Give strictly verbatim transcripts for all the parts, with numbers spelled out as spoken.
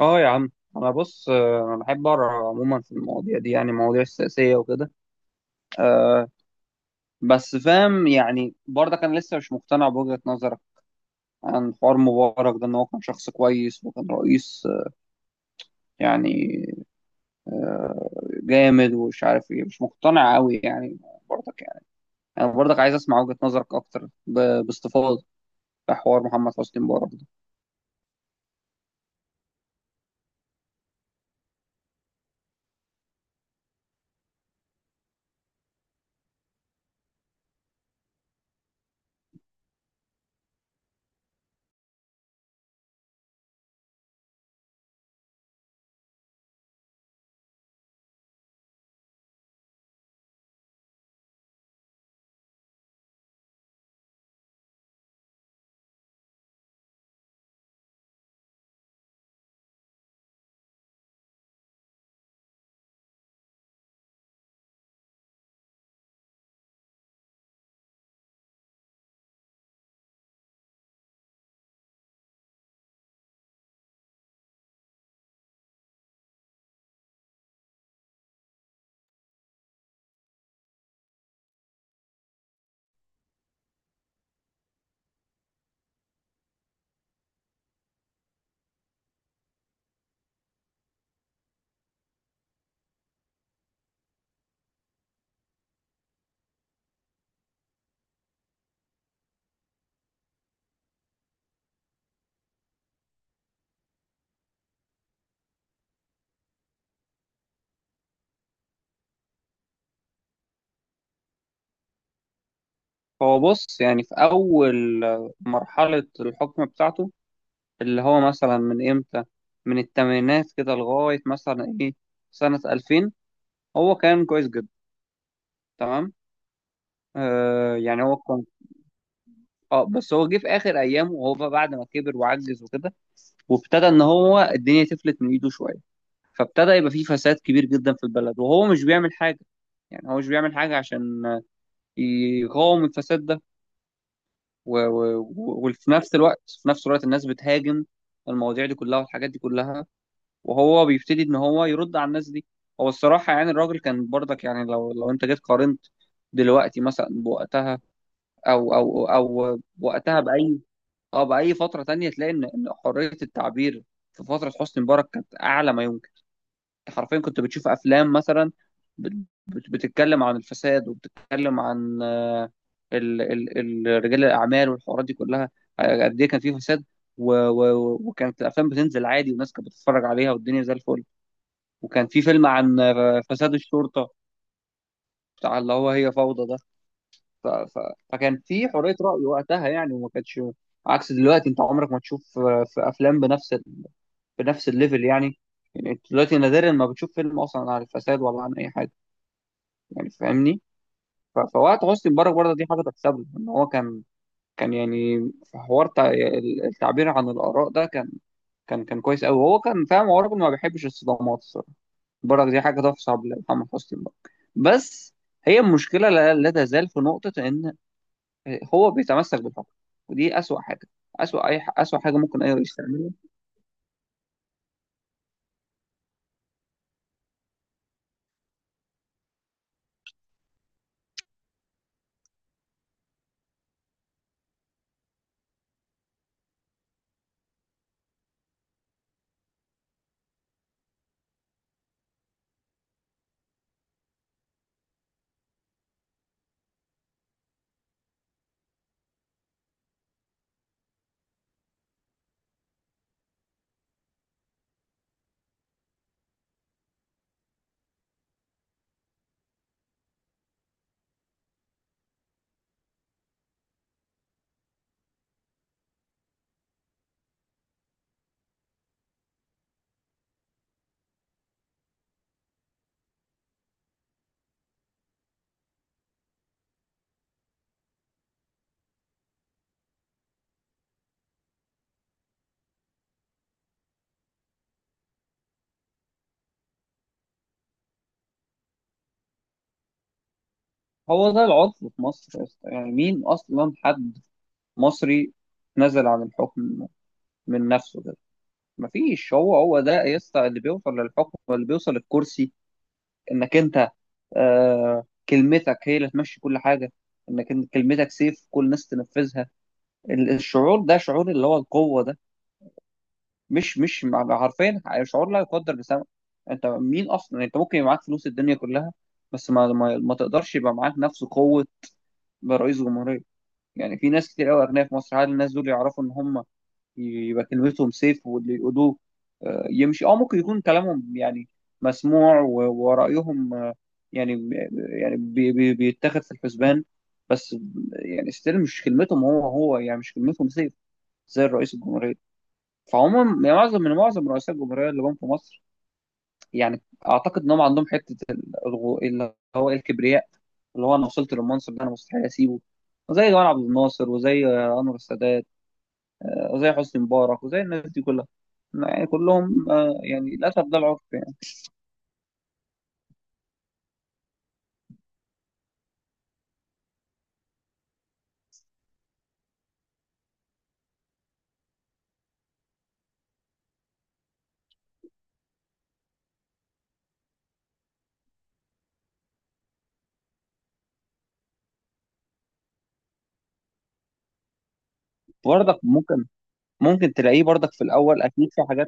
اه يا عم، انا بص، آه، انا بحب اقرا عموما في المواضيع دي، يعني مواضيع السياسيه وكده. أه بس فاهم، يعني برضه كان لسه مش مقتنع بوجهه نظرك عن حوار مبارك ده، ان هو كان شخص كويس وكان رئيس آه، يعني جامد ومش عارف ايه، مش مقتنع قوي يعني، برضك يعني. انا برضك عايز اسمع وجهه نظرك اكتر ب- باستفاضه في حوار محمد حسني مبارك ده. هو بص، يعني في اول آه، مرحله الحكم بتاعته، اللي هو مثلا من امتى، من الثمانينات كده لغاية مثلا ايه، سنة ألفين، هو كان كويس جدا، تمام. آه يعني هو كان، اه بس هو جه في اخر ايامه، وهو بقى بعد ما كبر وعجز وكده، وابتدى ان هو الدنيا تفلت من ايده شوية، فابتدى يبقى فيه فساد كبير جدا في البلد، وهو مش بيعمل حاجة. يعني هو مش بيعمل حاجة عشان يقاوم الفساد ده، و- و- و- وفي نفس الوقت في نفس الوقت الناس بتهاجم المواضيع دي كلها والحاجات دي كلها، وهو بيبتدي ان هو يرد على الناس دي. هو الصراحه، يعني الراجل كان برضك، يعني لو لو انت جيت قارنت دلوقتي مثلا بوقتها، او او او وقتها باي، اه باي فتره تانية، تلاقي ان إن حريه التعبير في فتره حسني مبارك كانت اعلى ما يمكن. أنت حرفيا كنت بتشوف افلام مثلا بت- بت- بتتكلم عن الفساد، وبتتكلم عن آه، ال- ال- ال- رجال الاعمال والحوارات دي كلها، آه، قد ايه كان في فساد. و- و- وكانت الافلام بتنزل عادي، والناس كانت بتتفرج عليها، والدنيا زي الفل. وكان في فيلم عن فساد الشرطة، بتاع اللي هو هي فوضى ده. ف... ف... فكان في حرية رأي وقتها يعني، وما كانتش عكس دلوقتي. انت عمرك ما تشوف في افلام بنفس ال... بنفس الليفل يعني. يعني انت دلوقتي نادرا ما بتشوف فيلم اصلا عن الفساد، ولا عن اي حاجة، يعني فاهمني. ف... فوقت حسني مبارك برضه، دي حاجة تحسب له ان هو كان، كان يعني في حوار تع- التعبير عن الآراء ده، كان كان كان كويس قوي. هو كان فاهم، هو راجل ما بيحبش الصدمات الصراحه. برك، دي حاجه تحسب لمحمد حسني برك. بس هي المشكله لا, لا تزال في نقطه ان هو بيتمسك بالحكم، ودي اسوأ حاجه. اسوأ اي ح- اسوأ حاجه ممكن اي رئيس تعملها. هو ده العطل في مصر يا اسطى. يعني مين اصلا حد مصري نزل عن الحكم من نفسه كده؟ مفيش. هو هو ده يا اسطى اللي بيوصل للحكم واللي بيوصل للكرسي، انك انت آه كلمتك هي اللي تمشي كل حاجة، انك إن كلمتك سيف كل الناس تنفذها. ال- الشعور ده، شعور اللي هو القوة ده، مش مش مع- حرفيا شعور لا يقدر بثمن. انت مين اصلا؟ انت ممكن يبقى معاك فلوس الدنيا كلها، بس ما ما, ما تقدرش يبقى معاك نفس قوة رئيس جمهورية. يعني في ناس كتير قوي اغنياء في مصر، هل الناس دول يعرفوا ان هم يبقى كلمتهم سيف واللي يقولوه آه، يمشي؟ اه ممكن يكون كلامهم يعني مسموع، و- ورأيهم يعني يعني بي بي بيتاخد في الحسبان، بس يعني ستيل مش كلمتهم، هو هو يعني مش كلمتهم زي زي الرئيس الجمهورية. فعموما يعني معظم من معظم رؤساء الجمهورية اللي جم في مصر، يعني اعتقد ان هم عندهم حتة الغو- اللي هو الكبرياء، اللي هو انا وصلت للمنصب ده، انا مستحيل اسيبه. زي جمال عبد الناصر، وزي انور السادات، وزي حسني مبارك، وزي الناس دي كلها. يعني كلهم، آه، يعني للاسف ده العرف يعني. برضك ممكن، ممكن تلاقيه برضك في الاول اكيد في حاجات،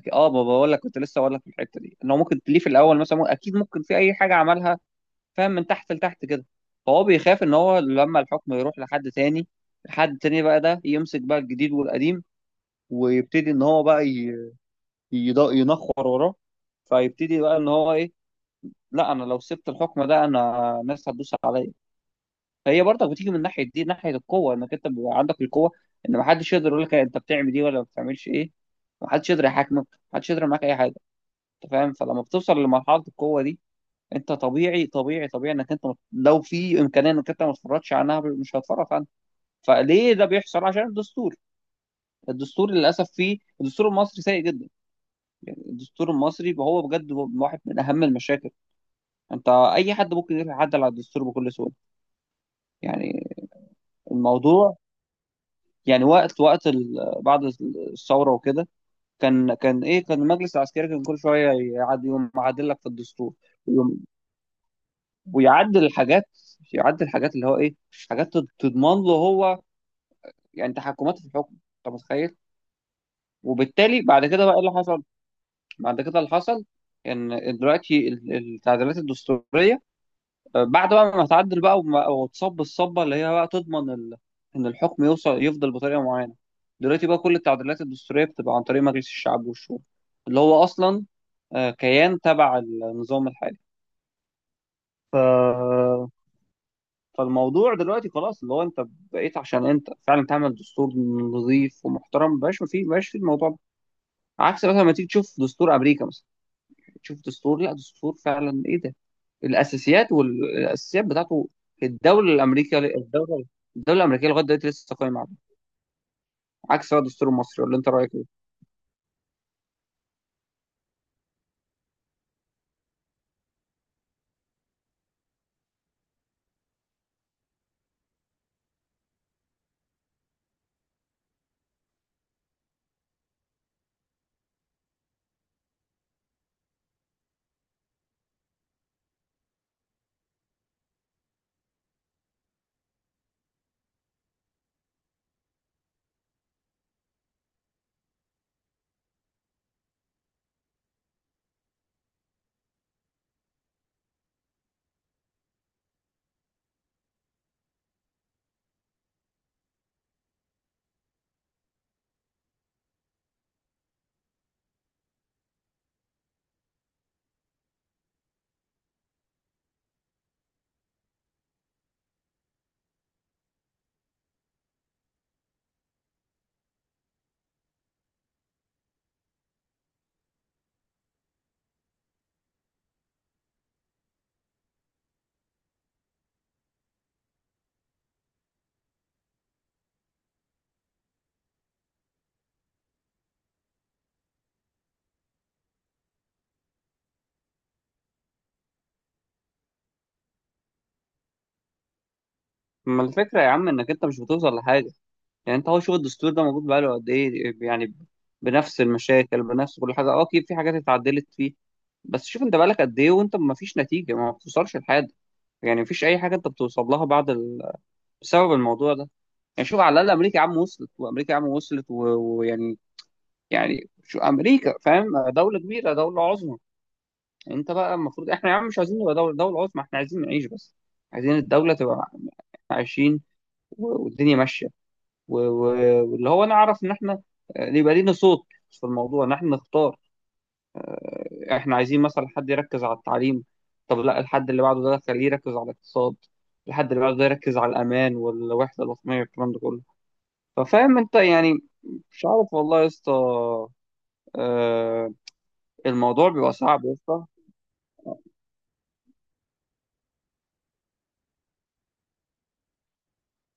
أكيد، اه ما بقول لك كنت لسه بقول لك في الحته دي، ان هو ممكن تليه في الاول مثلا مو- اكيد ممكن في اي حاجه عملها، فاهم، من تحت لتحت كده. فهو بيخاف ان هو لما الحكم يروح لحد تاني، حد تاني بقى ده يمسك بقى الجديد والقديم، ويبتدي ان هو بقى ي- يض- ينخر وراه، فيبتدي بقى ان هو ايه، لا انا لو سبت الحكم ده انا الناس هتدوس عليا. فهي برضك بتيجي من ناحيه دي، ناحيه القوه، انك انت بيبقى عندك القوه ان محدش يقدر يقول لك انت بتعمل دي ولا ما بتعملش ايه. محدش يقدر يحاكمك، محدش يقدر معاك اي حاجه، انت فاهم. فلما بتوصل لمرحله القوه دي، انت طبيعي طبيعي طبيعي انك انت مت- لو في امكانيه انك انت ما تتفرجش عنها، مش هتتفرج عنها. فليه ده بيحصل؟ عشان الدستور. الدستور للاسف فيه، الدستور المصري سيء جدا. يعني الدستور المصري هو بجد هو واحد من اهم المشاكل. انت اي حد ممكن يتعدل على الدستور بكل سهوله. يعني الموضوع، يعني وقت وقت ال- بعد الثوره وكده، كان كان ايه كان المجلس العسكري كان كل شويه يعد يقوم معدل لك في الدستور ويعدل الحاجات، يعدل الحاجات اللي هو ايه، حاجات تض- تضمن له هو يعني تحكمات في الحكم. انت متخيل؟ وبالتالي بعد كده بقى ايه اللي حصل؟ بعد كده اللي حصل ان دلوقتي ال- التعديلات الدستوريه، آه، بعد بقى ما تعدل بقى وما- وتصب الصبه اللي هي بقى تضمن ال... ان الحكم يوصل يفضل بطريقه معينه. دلوقتي بقى كل التعديلات الدستوريه بتبقى عن طريق مجلس الشعب والشورى، اللي هو اصلا آه، كيان تبع النظام الحالي. ف فالموضوع دلوقتي خلاص، اللي هو انت بقيت عشان انت فعلا تعمل دستور نظيف ومحترم، مبقاش في مبقاش في الموضوع ده. عكس مثلا لما تيجي تشوف دستور امريكا مثلا، تشوف دستور، لا دستور فعلا، ايه ده، الاساسيات، والاساسيات بتاعته. الدوله الامريكيه الدوله الدوله الامريكيه لغايه دلوقتي لسه قايمه عليه، عكس بقى الدستور المصري. ولا انت رايك ايه؟ ما الفكره يا عم، انك انت مش بتوصل لحاجه. يعني انت، هو شغل الدستور ده موجود بقاله قد ايه يعني، بنفس المشاكل، بنفس كل حاجه؟ اه اكيد في حاجات اتعدلت فيه، بس شوف انت بقالك قد ايه وانت ما فيش نتيجه، ما بتوصلش لحاجه. يعني ما فيش اي حاجه انت بتوصل لها بعد ال... بسبب الموضوع ده. يعني شوف على الاقل امريكا يا عم وصلت، وامريكا يا عم وصلت و- ويعني يعني يعني شو امريكا، فاهم، دوله كبيره، دوله عظمى. انت بقى المفروض احنا يا عم مش عايزين نبقى دوله، دوله عظمى، احنا عايزين نعيش بس. عايزين الدوله تبقى عايشين والدنيا ماشيه، و- و- واللي هو نعرف ان احنا آه، يبقى لينا صوت في الموضوع، ان احنا نختار. آه، احنا عايزين مثلا حد يركز على التعليم، طب لا الحد اللي بعده ده خليه يركز على الاقتصاد، الحد اللي بعده ده يركز على الامان والوحده الوطنيه والكلام ده كله. ففاهم انت يعني. مش عارف والله يا اسطى، آه، الموضوع بيبقى صعب يا اسطى.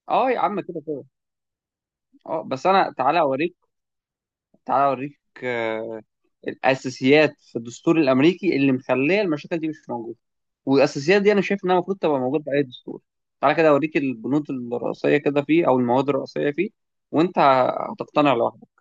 اه يا عم كده كده. اه بس انا تعالى اوريك، تعالى اوريك آه، الاساسيات في الدستور الامريكي اللي مخليه المشاكل دي مش موجوده، والاساسيات دي انا شايف انها المفروض تبقى موجوده في اي دستور. تعالى كده اوريك البنود الرئيسيه كده فيه، او المواد الرئيسيه فيه، وانت هتقتنع لوحدك.